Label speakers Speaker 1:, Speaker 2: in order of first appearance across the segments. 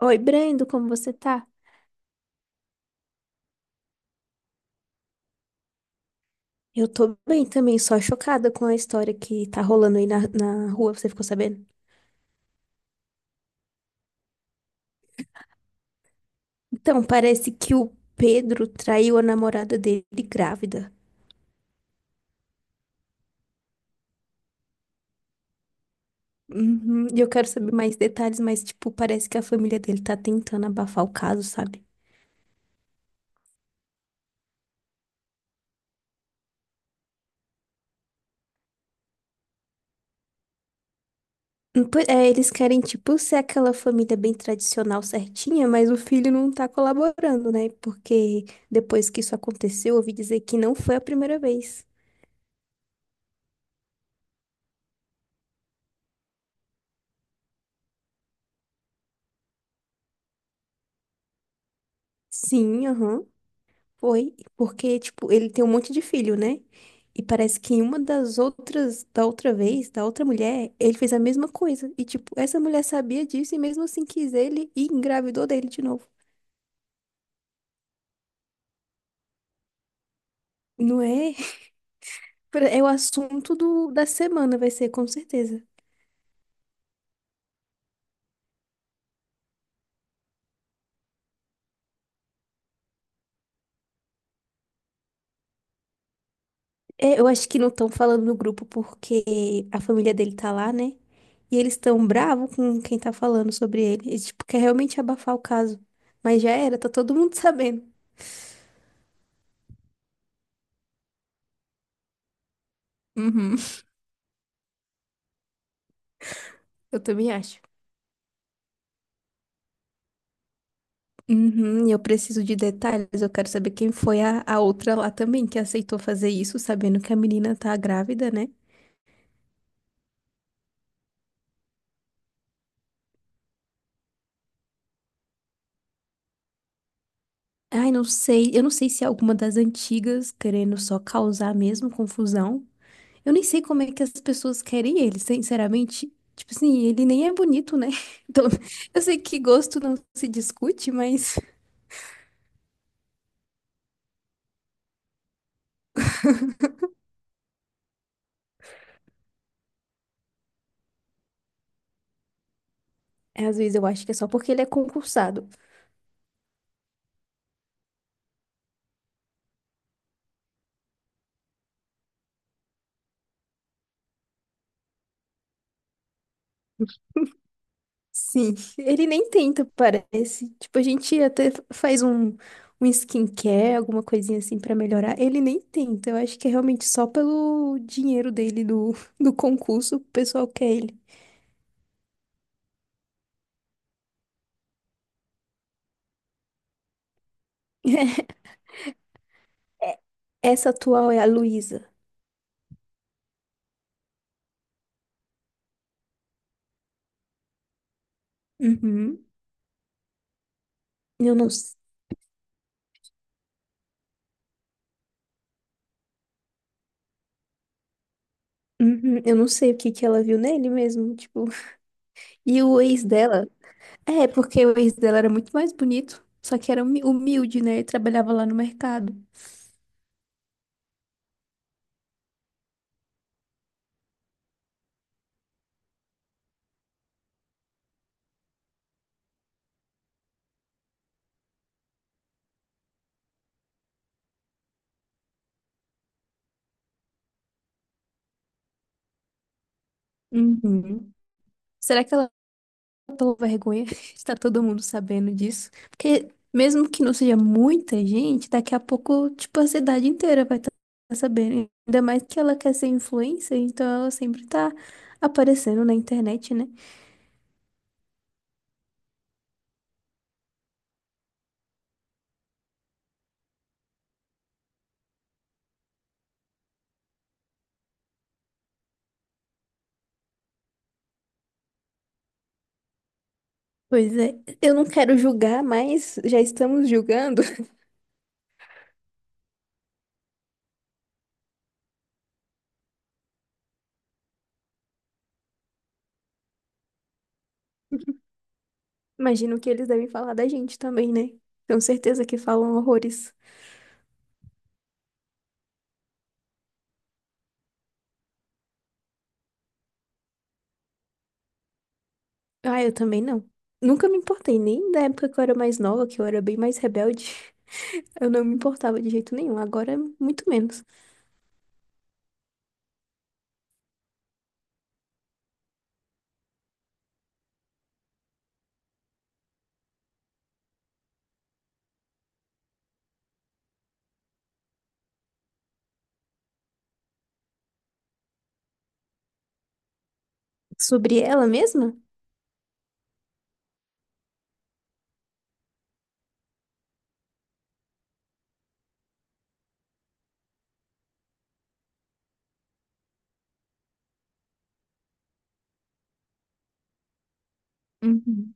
Speaker 1: Oi, Brendo, como você tá? Eu tô bem também, só chocada com a história que tá rolando aí na rua, você ficou sabendo? Então, parece que o Pedro traiu a namorada dele grávida. Uhum, e eu quero saber mais detalhes, mas, tipo, parece que a família dele tá tentando abafar o caso, sabe? É, eles querem, tipo, ser aquela família bem tradicional, certinha, mas o filho não tá colaborando, né? Porque depois que isso aconteceu, eu ouvi dizer que não foi a primeira vez. Sim, aham. Foi, porque, tipo, ele tem um monte de filho, né? E parece que em uma das outras, da outra vez, da outra mulher, ele fez a mesma coisa. E, tipo, essa mulher sabia disso e mesmo assim quis ele e engravidou dele de novo. Não é? É o assunto da semana, vai ser, com certeza. É, eu acho que não estão falando no grupo porque a família dele tá lá, né? E eles estão bravos com quem tá falando sobre ele. Eles, tipo, quer realmente abafar o caso. Mas já era, tá todo mundo sabendo. Uhum, eu também acho. Uhum, e eu preciso de detalhes. Eu quero saber quem foi a outra lá também que aceitou fazer isso, sabendo que a menina tá grávida, né? Ai, não sei. Eu não sei se é alguma das antigas querendo só causar mesmo confusão. Eu nem sei como é que as pessoas querem ele, sinceramente. Tipo assim, ele nem é bonito, né? Então, eu sei que gosto não se discute, mas é, às vezes eu acho que é só porque ele é concursado. Sim, ele nem tenta, parece. Tipo, a gente até faz um, um skincare, alguma coisinha assim pra melhorar. Ele nem tenta. Eu acho que é realmente só pelo dinheiro dele do concurso, o pessoal quer ele. É, essa atual é a Luísa. Uhum. Eu não, s- Uhum, eu não sei o que que ela viu nele mesmo, tipo. E o ex dela? É, porque o ex dela era muito mais bonito, só que era humilde, né? Ele trabalhava lá no mercado. Uhum. Será que ela pela vergonha está todo mundo sabendo disso. Porque mesmo que não seja muita gente, daqui a pouco, tipo, a cidade inteira vai estar sabendo. Ainda mais que ela quer ser influencer, então ela sempre tá aparecendo na internet, né? Pois é, eu não quero julgar, mas já estamos julgando. Imagino que eles devem falar da gente também, né? Tenho certeza que falam horrores. Ah, eu também não. Nunca me importei, nem da época que eu era mais nova, que eu era bem mais rebelde. Eu não me importava de jeito nenhum, agora é muito menos. Sobre ela mesma? Uhum.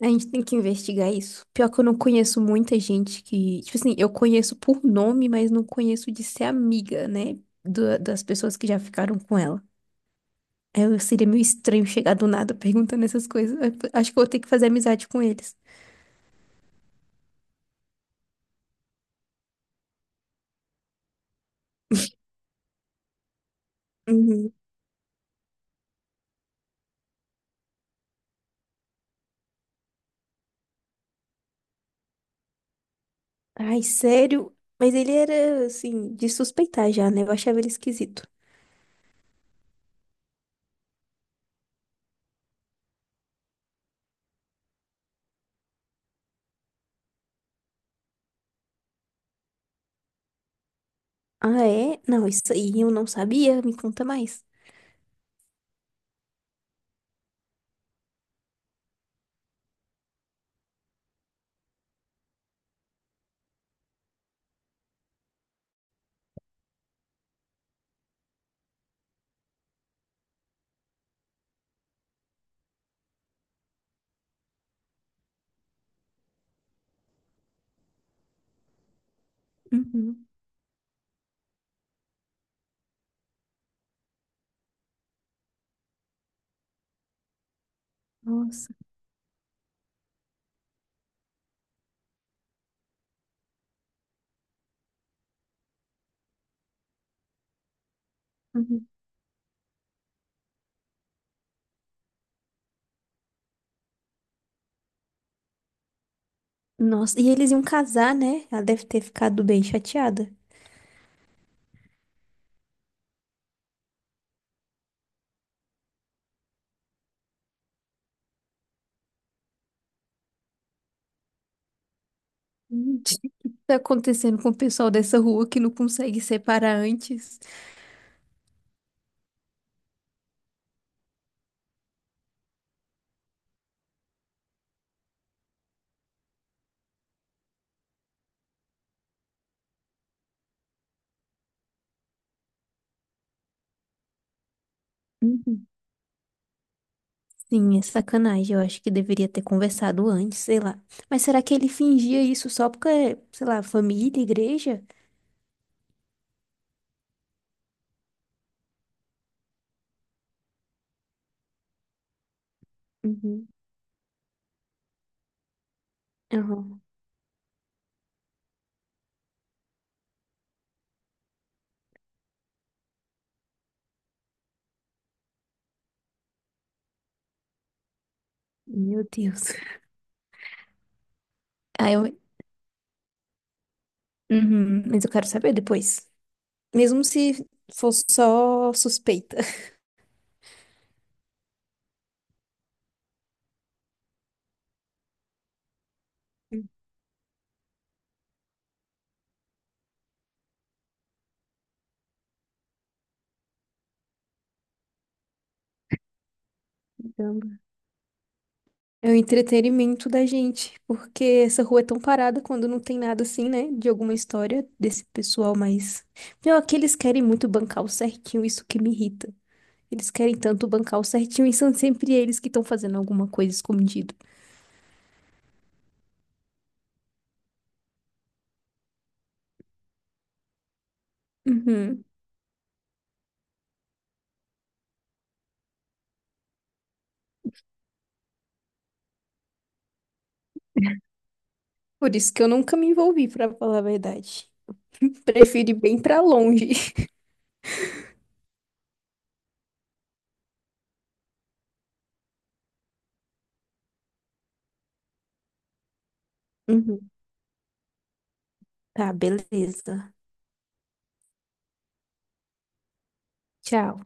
Speaker 1: A gente tem que investigar isso. Pior que eu não conheço muita gente que. Tipo assim, eu conheço por nome, mas não conheço de ser amiga, né? Das pessoas que já ficaram com ela. Eu seria meio estranho chegar do nada perguntando essas coisas. Eu acho que eu vou ter que fazer amizade com eles. Uhum. Ai, sério? Mas ele era, assim, de suspeitar já, né? Eu achava ele esquisito. Ah, é? Não, isso aí eu não sabia. Me conta mais. Uhum. Nossa. Uhum. Nossa, e eles iam casar, né? Ela deve ter ficado bem chateada. O que está acontecendo com o pessoal dessa rua que não consegue separar antes? Uhum. Sim, é sacanagem. Eu acho que deveria ter conversado antes, sei lá. Mas será que ele fingia isso só porque, sei lá, família, igreja? Uhum. Aham. Meu Deus. Ah, eu... Uhum, mas eu quero saber depois. Mesmo se for só suspeita. É o entretenimento da gente, porque essa rua é tão parada quando não tem nada assim, né? De alguma história desse pessoal, mas. Pior que eles querem muito bancar o certinho, isso que me irrita. Eles querem tanto bancar o certinho e são sempre eles que estão fazendo alguma coisa escondido. Uhum. Por isso que eu nunca me envolvi, pra falar a verdade. Prefiro ir bem pra longe. Uhum. Tá, beleza. Tchau.